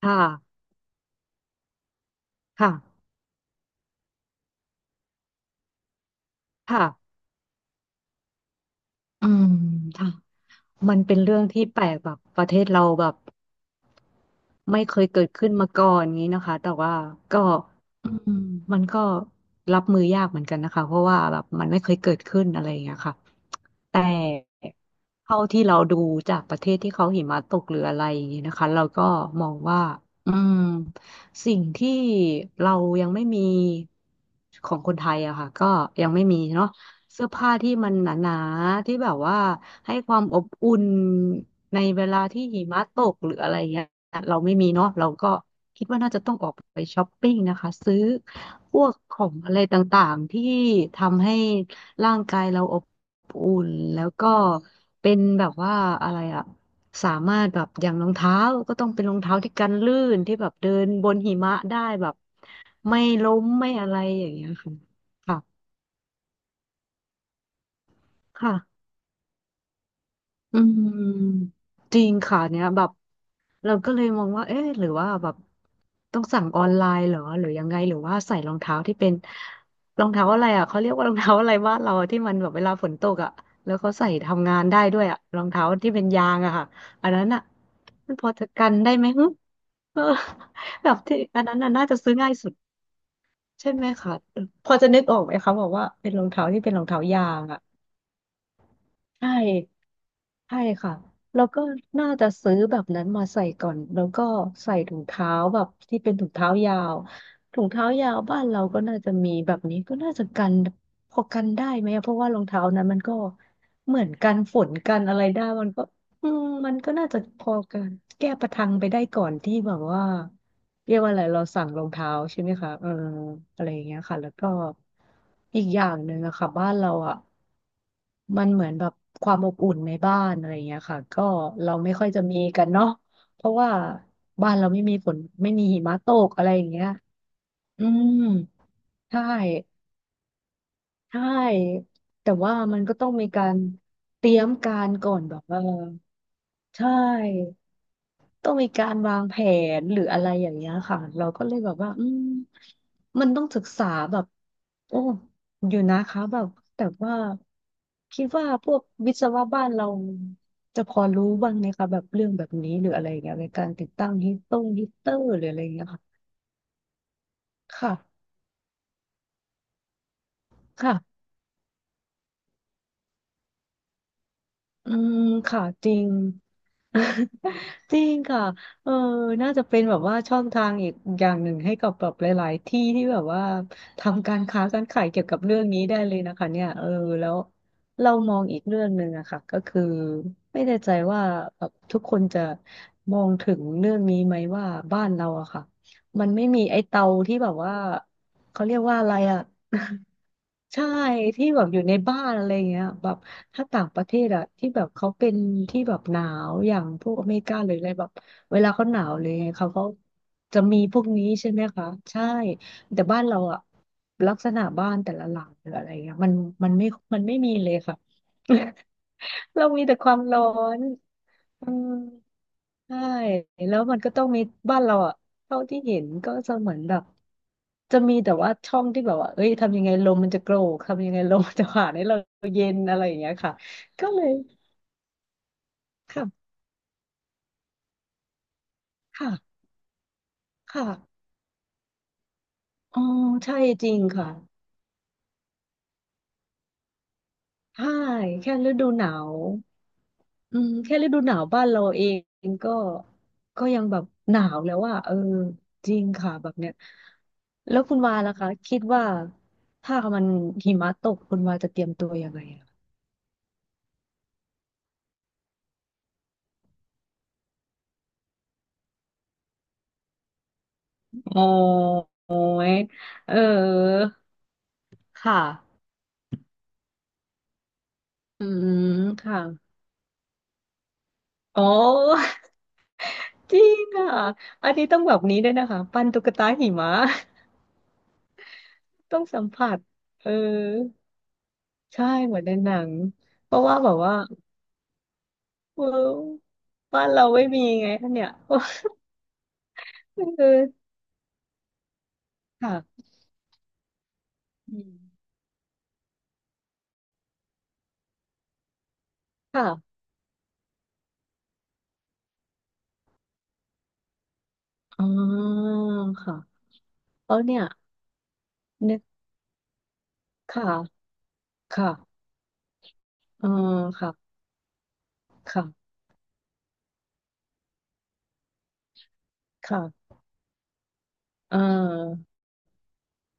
ค่ะค่ะค่ะอืมค่ะมันเป็นเรื่องที่แปลกแบบประเทศเราแบบไม่เคยเกิดขึ้นมาก่อนงี้นะคะแต่ว่าก็อืมมันก็รับมือยากเหมือนกันนะคะ เพราะว่าแบบมันไม่เคยเกิดขึ้นอะไรอย่างเงี้ยค่ะ แต่เท่าที่เราดูจากประเทศที่เขาหิมะตกหรืออะไรอย่างนี้นะคะเราก็มองว่าอืมสิ่งที่เรายังไม่มีของคนไทยอะค่ะก็ยังไม่มีเนาะเสื้อผ้าที่มันหนาๆที่แบบว่าให้ความอบอุ่นในเวลาที่หิมะตกหรืออะไรเงี้ยเราไม่มีเนาะเราก็ คิดว่าน่าจะต้องออกไปช้อปปิ้งนะคะซื้อพวกของอะไรต่างๆที่ทำให้ร่างกายเราอบอุ่นแล้วก็เป็นแบบว่าอะไรอะสามารถแบบอย่างรองเท้าก็ต้องเป็นรองเท้าที่กันลื่นที่แบบเดินบนหิมะได้แบบไม่ล้มไม่อะไรอย่างเงี้ยค่ะค่ะค่ะ อืมจริงค่ะเนี้ยแบบเราก็เลยมองว่าเอ๊ะหรือว่าแบบต้องสั่งออนไลน์เหรอหรือยังไงหรือว่าใส่รองเท้าที่เป็นรองเท้าอะไรอ่ะเขาเรียกว่า รองเท้าอะไรบ้านเราที่มันแบบเวลาฝนตกอ่ะแล้วเขาใส่ทำงานได้ด้วยอ่ะรองเท้าที่เป็นยางอะค่ะอันนั้นอ่ะมันพอจะกันได้ไหมฮึเออ แบบที่อันนั้นน่ะน่าจะซื้อง่ายสุดใช่ไหมคะพอจะนึกออกไหมคะบอกว่าเป็นรองเท้าที่เป็นรองเท้ายางอ่ะใช่ ใช่ค่ะแล้วก็น่าจะซื้อแบบนั้นมาใส่ก่อนแล้วก็ใส่ถุงเท้าแบบที่เป็นถุงเท้ายาวถุงเท้ายาวบ้านเราก็น่าจะมีแบบนี้ก็น่าจะกันพอกันได้ไหมอะเพราะว่ารองเท้านั้นมันก็เหมือนกันฝนกันอะไรได้มันก็มันก็น่าจะพอกันแก้ประทังไปได้ก่อนที่แบบว่า เรียกว่าอะไรเราสั่งรองเท้าใช่ไหมคะเอออะไรอย่างเงี้ยค่ะแล้วก็อีกอย่างหนึ่งอะค่ะบ้านเราอะมันเหมือนแบบความอบอุ่นในบ้านอะไรอย่างเงี้ยค่ะก็เราไม่ค่อยจะมีกันเนาะเพราะว่าบ้านเราไม่มีฝนไม่มีหิมะตกอะไรอย่างเงี้ยอืมใช่ใช่แต่ว่ามันก็ต้องมีการเตรียมการก่อนแบบว่าใช่ ต้องมีการวางแผนหรืออะไรอย่างเงี้ยค่ะเราก็เลยแบบว่ามันต้องศึกษาแบบโอ้อยู่นะคะแบบแต่ว่าคิดว่าพวกวิศวะบ้านเราจะพอรู้บ้างไหมคะแบบเรื่องแบบนี้หรืออะไรอย่างเงี้ยในการติดตั้งฮีตเตอร์หรืออะไรอย่างเงี้ยค่ะค่ะ อืมค่ะจริง จริงค่ะเออน่าจะเป็นแบบว่าช่องทางอีกอย่างหนึ่งให้กับแบบหลายๆที่ที่แบบว่าทำการค้าการขายเกี่ยวกับเรื่องนี้ได้เลยนะคะเนี่ยเออแล้วเรามองอีกเรื่องหนึ่งอะค่ะก็คือไม่แน่ใจว่าแบบทุกคนจะมองถึงเรื่องนี้ไหมว่าบ้านเราอะค่ะมันไม่มีไอ้เตาที่แบบว่าเขาเรียกว่าอะไรอะ ใช่ที่แบบอยู่ในบ้านอะไรเงี้ยแบบถ้าต่างประเทศอะที่แบบเขาเป็นที่แบบหนาวอย่างพวกอเมริกาหรืออะไรแบบเวลาเขาหนาวเลยไงเขาก็จะมีพวกนี้ใช่ไหมคะใช่แต่บ้านเราอะลักษณะบ้านแต่ละหลังหรืออะไรเงี้ยมันมันไม่มันไม่มีเลยค่ะ เรามีแต่ความร้อนอืมใช่แล้วมันก็ต้องมีบ้านเราอะเท่าที่เห็นก็จะเหมือนแบบจะมีแต่ว่าช่องที่แบบว่าเอ้ยทำยังไงลมมันจะโกรกทำยังไงลมมันจะผ่านให้เราเย็นอะไรอย่างเงี้ยค่ะก็เลยค่ะค่ะค่ะอ๋อใช่จริงค่ะใช่แค่ฤดูหนาว อืมแค่ฤดูหนาวบ้านเราเองก็ก็ยังแบบหนาวแล้วว่าเออจริงค่ะแบบเนี้ยแล้วคุณวาล่ะคะคิดว่าถ้ามันหิมะตกคุณวาจะเตรียมตัวยังไงอะโอ้ยเออค่ะอืมค่ะโอ้ จริงค่ะอันนี้ต้องแบบนี้ด้วยนะคะปั้นตุ๊กตาหิมะ ต้องสัมผัสเออใช่เหมือนในหนังเพราะว่าแบบว่า เออบ้านเราไม่มีไงคะเนี่ย เออค่ะอืมค่ะอ๋อค่ะแล้วเนี่ยนึกค่ะค่ะเออค่ะค่ะค่ะเออ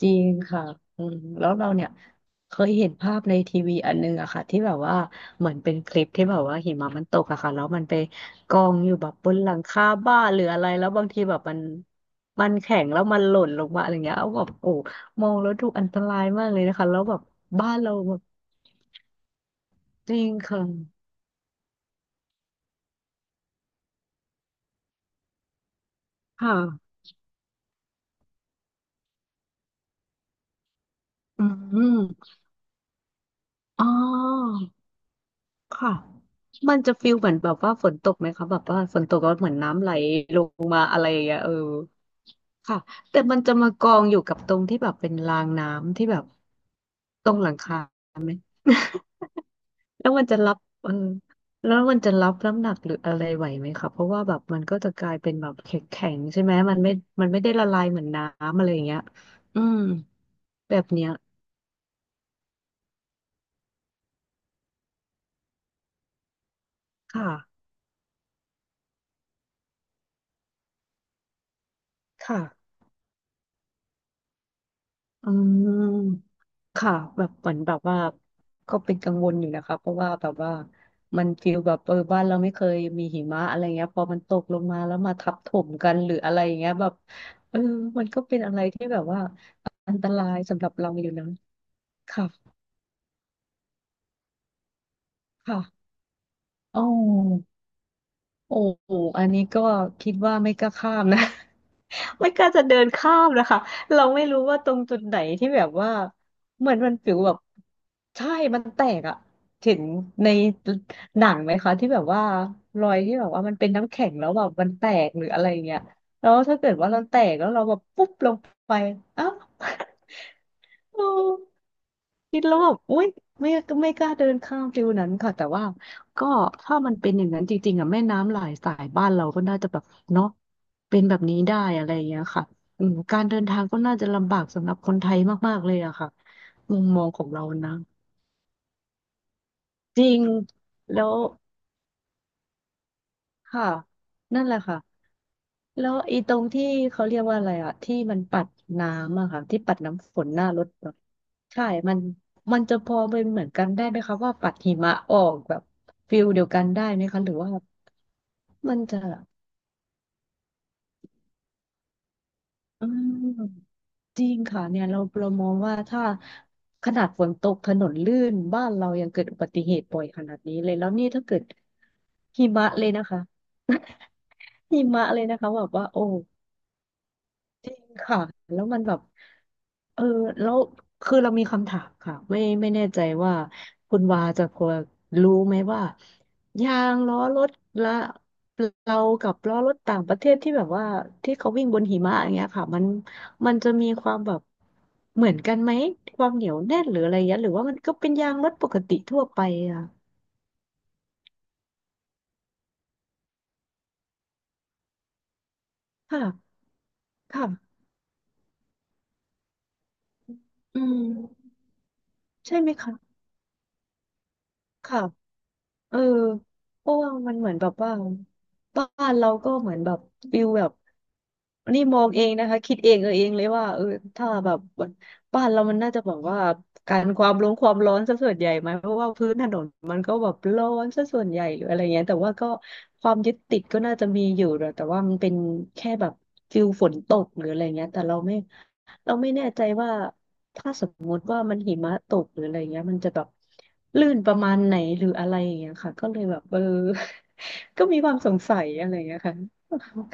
จริงค่ะอืมแล้วเราเนี่ยเคยเห็นภาพในทีวีอันนึงอะค่ะที่แบบว่าเหมือนเป็นคลิปที่แบบว่าหิมะมันตกอะค่ะแล้วมันไปกองอยู่แบบบนหลังคาบ้านหรืออะไรแล้วบางทีแบบมันแข็งแล้วมันหล่นลงมาอะไรเงี้ยเอาแบบโอ้มองแล้วดูอันตรายมากเลยนะคะแล้วแบบบ้านเราแบบจริงค่ะค่ะอืมอ๋อค่ะมันจะฟิลเหมือนแบบว่าฝนตกไหมคะแบบว่าฝนตกแล้วเหมือนน้ำไหลลงมาอะไรอย่างเงี้ยเออ ค่ะแต่มันจะมากองอยู่กับตรงที่แบบเป็นรางน้ำที่แบบตรงหลังคา แล้วมันจะรับเออแล้วมันจะรับน้ำหนักหรืออะไรไหวไหมคะเพราะว่าแบบมันก็จะกลายเป็นแบบแข็งแข็งใช่ไหมมันไม่มันไม่ได้ละลายเหมือนน้ำอะไรอย่างเงี้ยอืมแบบเนี้ยค่ะค่ะ อืมค่ะแบบเหมือนแบบว่าก็เป็นกังวลอยู่นะคะเพราะว่าแบบว่ามันฟีลแบบเออบ้านเราไม่เคยมีหิมะอะไรเงี้ยพอมันตกลงมาแล้วมาทับถมกันหรืออะไรอย่างเงี้ยแบบเออมันก็เป็นอะไรที่แบบว่าอันตรายสำหรับเราอยู่นะค่ะค่ะโอ้โอ้อันนี้ก็คิดว่าไม่กล้าข้ามนะ ไม่กล้าจะเดินข้ามนะคะ เราไม่รู้ว่าตรงจุดไหนที่แบบว่าเหมือนมันฟิวแบบใช่มันแตกอะเห็นในหนังไหมคะที่แบบว่ารอยที่แบบว่ามันเป็นน้ำแข็งแล้วแบบมันแตกหรืออะไรอย่างเงี้ยแล้วถ้าเกิดว่าเราแตกแล้วเราแบบปุ๊บลงไปอ้าว เออคิดแล้วแบบอุ้ยไม่ไม่กล้าเดินข้ามฟิวนั้นค่ะแต่ว่าก็ถ้ามันเป็นอย่างนั้นจริงๆอ่ะแม่น้ำหลายสายบ้านเราก็น่าจะแบบเนาะเป็นแบบนี้ได้อะไรอย่างเงี้ยค่ะอืมการเดินทางก็น่าจะลำบากสำหรับคนไทยมากๆเลยอะค่ะมุมมองของเรานะจริงแล้วค่ะนั่นแหละค่ะ แล้วอีตรงที่เขาเรียกว่าอะไรอะที่มันปัดน้ำอะค่ะที่ปัดน้ำฝนหน้ารถแบบใช่มันมันจะพอเป็นเหมือนกันได้ไหมคะว่าปัดหิมะออกแบบฟิลเดียวกันได้ไหมคะหรือว่ามันจะอืมจริงค่ะเนี่ยเรามองว่าถ้าขนาดฝนตกถนนลื่นบ้านเรายังเกิดอุบัติเหตุบ่อยขนาดนี้เลยแล้วนี่ถ้าเกิดหิมะเลยนะคะ หิมะเลยนะคะแบบว่าโอ้จริงค่ะแล้วมันแบบ เออแล้วคือเรามีคำถามค่ะไม่แน่ใจว่าคุณวาจะพอรู้ไหมว่ายางล้อรถละเรากับล้อรถต่างประเทศที่แบบว่าที่เขาวิ่งบนหิมะอย่างเงี้ยค่ะมันจะมีความแบบเหมือนกันไหมความเหนียวแน่นหรืออะไรเงี้ยหรือว่ามันก็เป็นยางรถปกติทั่วไปอะค่ะค่ะอืมใช่ไหมคะค่ะ เออเพราะว่ามันเหมือนแบบว่าบ้านเราก็เหมือนแบบฟิลแบบนี่มองเองนะคะคิดเองเออเองเลยว่าเออถ้าแบบบ้านเรามันน่าจะบอกว่าการความร้อนซะส่วนใหญ่ไหมเพราะว่าพื้นถนนมันก็แบบร้อนซะส่วนใหญ่หรืออะไรเงี้ยแต่ว่าก็ความยึดติดก็น่าจะมีอยู่นะแต่ว่ามันเป็นแค่แบบฟิลฝนตกหรืออะไรเงี้ยแต่เราไม่แน่ใจว่า ถ้าสมมุติว่ามันหิมะตกหรืออะไรเงี้ยมันจะแบบลื่นประมาณไหนหรืออะไรอย่างเงี้ยค่ะก็เลยแบบเออ ก็มีความสงสัยอะไรเงี้ยค่ะ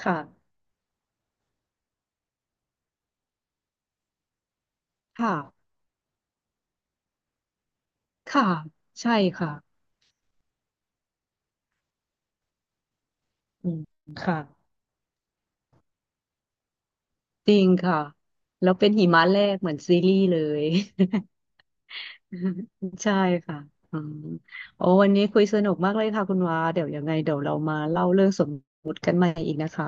ค่ะค่ะค่ะใช่ค่ะอืมค่ะ จริงค่ะ แล้วเป็นหิมะแรกเหมือนซีรีส์เลย ใช่ค่ะอืมโอ้วันนี้คุยสนุกมากเลยค่ะคุณวาเดี๋ยวยังไงเดี๋ยวเรามาเล่าเรื่องสมมุติกันใหม่อีกนะคะ